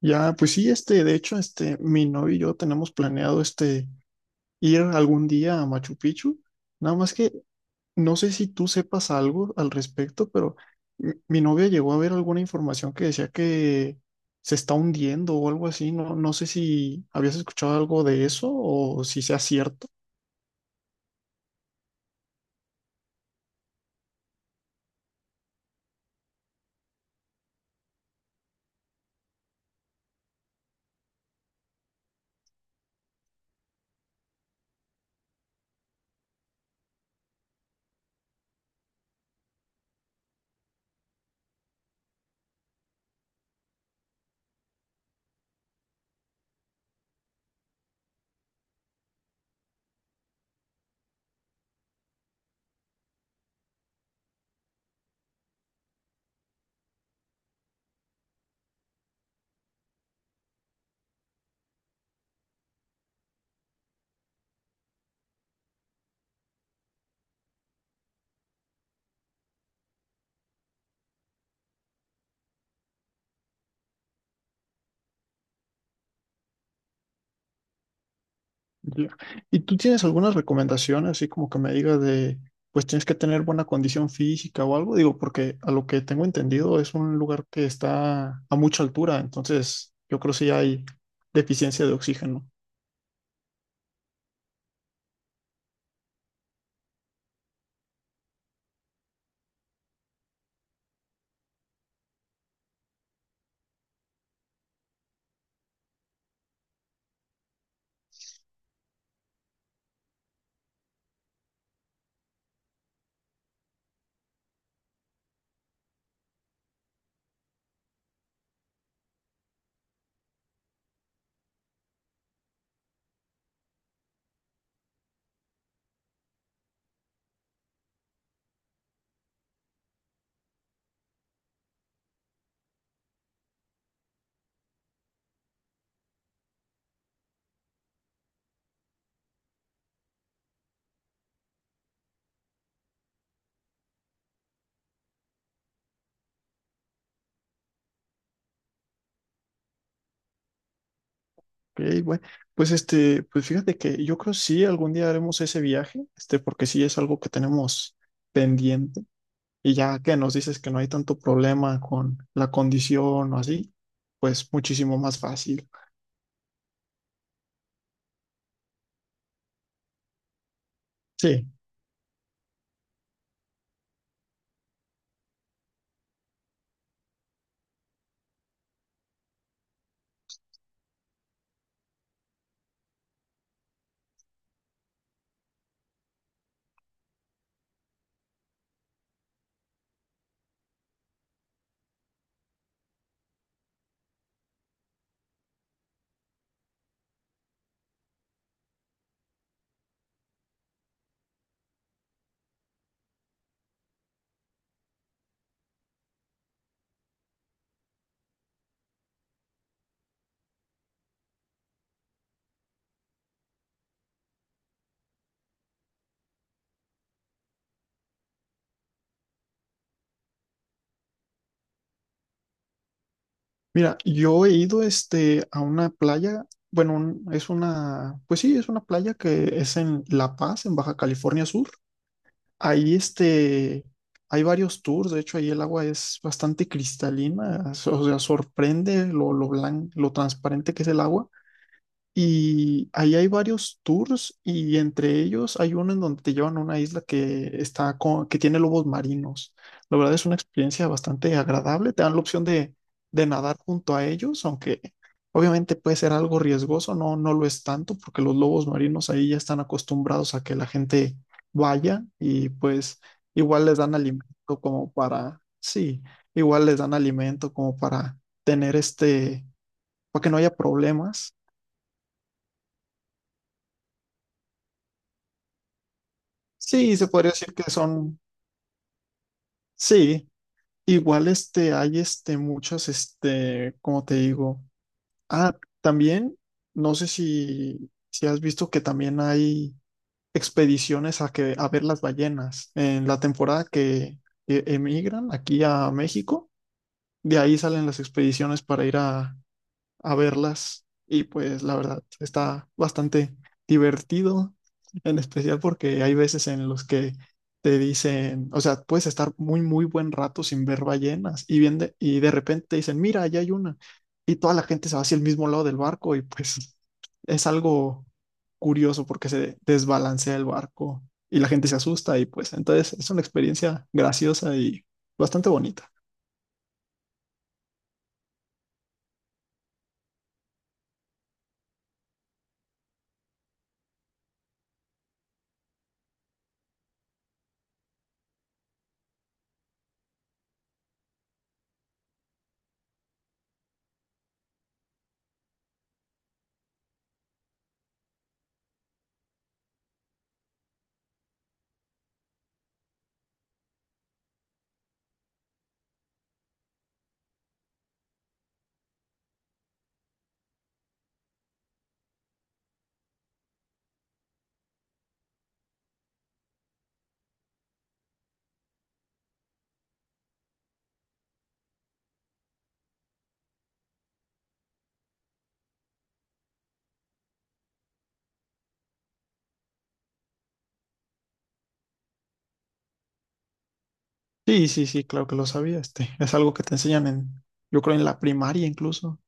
Ya, pues sí, de hecho, mi novio y yo tenemos planeado, ir algún día a Machu Picchu. Nada más que no sé si tú sepas algo al respecto, pero mi novia llegó a ver alguna información que decía que se está hundiendo o algo así. No, no sé si habías escuchado algo de eso o si sea cierto. Ya. ¿Y tú tienes alguna recomendación así como que me digas de, pues tienes que tener buena condición física o algo? Digo, porque a lo que tengo entendido es un lugar que está a mucha altura, entonces yo creo que sí hay deficiencia de oxígeno. Ok, bueno, pues pues fíjate que yo creo sí algún día haremos ese viaje, porque sí es algo que tenemos pendiente y ya que nos dices que no hay tanto problema con la condición o así, pues muchísimo más fácil. Sí. Mira, yo he ido a una playa, bueno, es una, pues sí, es una playa que es en La Paz, en Baja California Sur. Ahí hay varios tours, de hecho ahí el agua es bastante cristalina, o sea, sorprende lo blanco, lo transparente que es el agua. Y ahí hay varios tours y entre ellos hay uno en donde te llevan a una isla que está con, que tiene lobos marinos. La verdad es una experiencia bastante agradable. Te dan la opción de nadar junto a ellos, aunque obviamente puede ser algo riesgoso, no, no lo es tanto porque los lobos marinos ahí ya están acostumbrados a que la gente vaya y pues igual les dan alimento como para, sí, igual les dan alimento como para tener para que no haya problemas. Sí, se podría decir que son, sí, igual hay muchas, como te digo, ah, también, no sé si, si has visto que también hay expediciones a, que, a ver las ballenas. En la temporada que emigran aquí a México, de ahí salen las expediciones para ir a verlas y pues la verdad está bastante divertido, en especial porque hay veces en los que te dicen, o sea, puedes estar muy, muy buen rato sin ver ballenas y, bien de, y de repente te dicen, mira, allá hay una y toda la gente se va hacia el mismo lado del barco y pues es algo curioso porque se desbalancea el barco y la gente se asusta y pues entonces es una experiencia graciosa y bastante bonita. Sí, sí, sí, claro que lo sabía, es algo que te enseñan en, yo creo en la primaria incluso.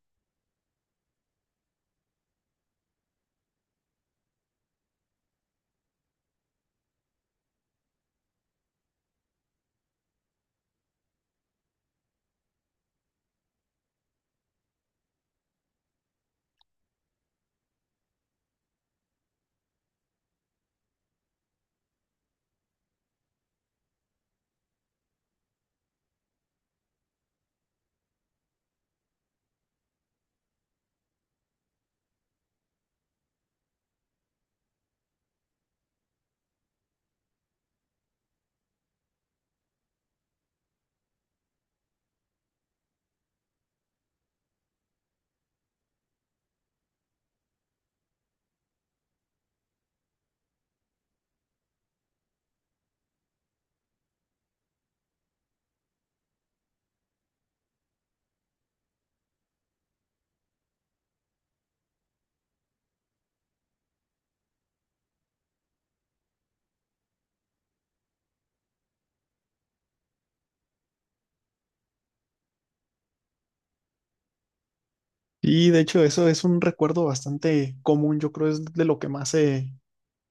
Y de hecho eso es un recuerdo bastante común, yo creo es de lo que más se,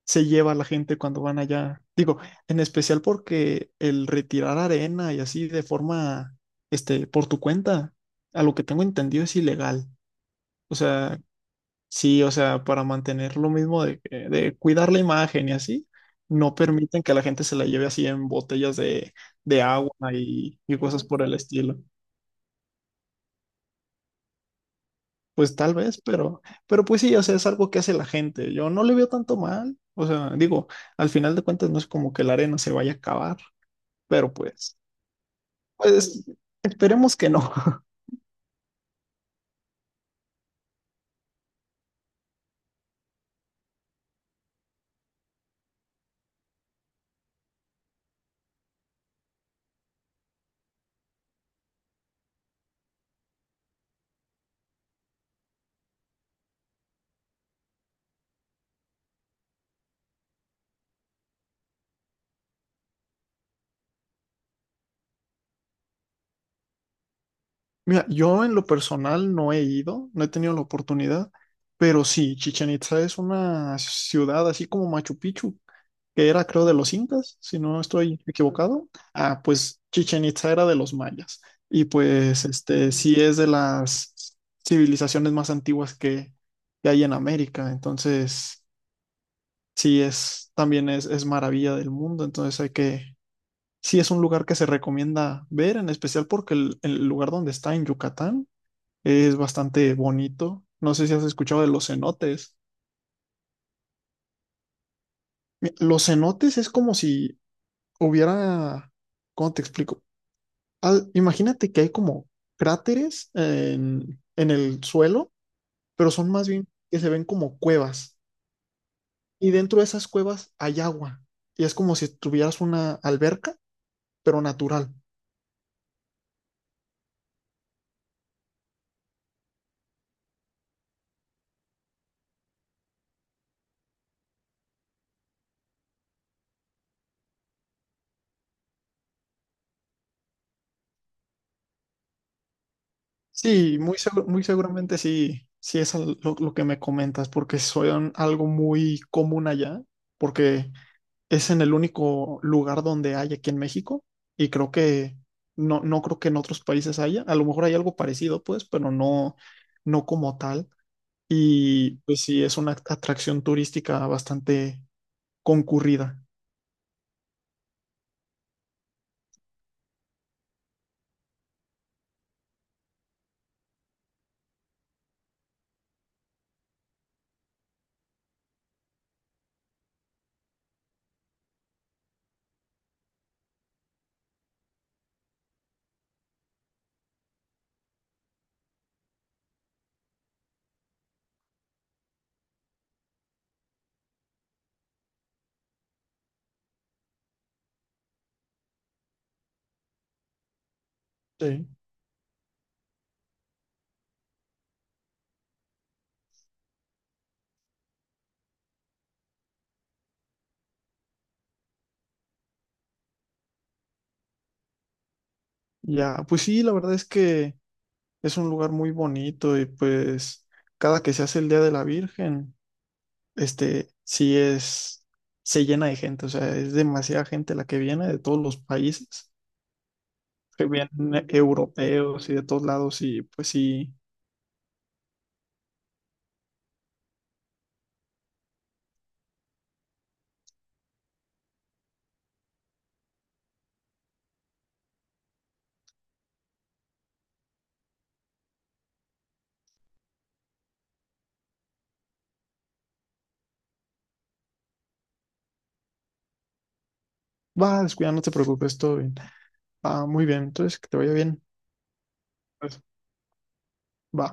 se lleva la gente cuando van allá. Digo, en especial porque el retirar arena y así de forma, por tu cuenta, a lo que tengo entendido es ilegal. O sea, sí, o sea, para mantener lo mismo de, que- de cuidar la imagen y así, no permiten que la gente se la lleve así en botellas de agua y cosas por el estilo. Pues tal vez, pero pues sí, o sea, es algo que hace la gente. Yo no le veo tanto mal. O sea, digo, al final de cuentas no es como que la arena se vaya a acabar, pero pues, pues esperemos que no. Mira, yo en lo personal no he ido, no he tenido la oportunidad, pero sí, Chichen Itza es una ciudad así como Machu Picchu que era creo de los incas, si no estoy equivocado. Ah, pues Chichen Itza era de los mayas y pues este sí es de las civilizaciones más antiguas que hay en América, entonces sí es también es maravilla del mundo, entonces hay que sí es un lugar que se recomienda ver, en especial porque el lugar donde está en Yucatán es bastante bonito. No sé si has escuchado de los cenotes. Los cenotes es como si hubiera. ¿Cómo te explico? Ah, imagínate que hay como cráteres en el suelo, pero son más bien que se ven como cuevas. Y dentro de esas cuevas hay agua. Y es como si tuvieras una alberca, pero natural. Sí, muy, muy seguramente sí, sí es lo que me comentas, porque son algo muy común allá, porque es en el único lugar donde hay aquí en México. Y creo que no, no creo que en otros países haya. A lo mejor hay algo parecido, pues, pero no, no como tal. Y pues sí, es una atracción turística bastante concurrida. Sí. Ya, pues sí, la verdad es que es un lugar muy bonito y pues cada que se hace el Día de la Virgen, sí es, se llena de gente, o sea, es demasiada gente la que viene de todos los países, que vienen europeos y de todos lados y pues sí, va, descuida, no te preocupes, todo bien. Ah, muy bien, entonces que te vaya bien. Pues, va.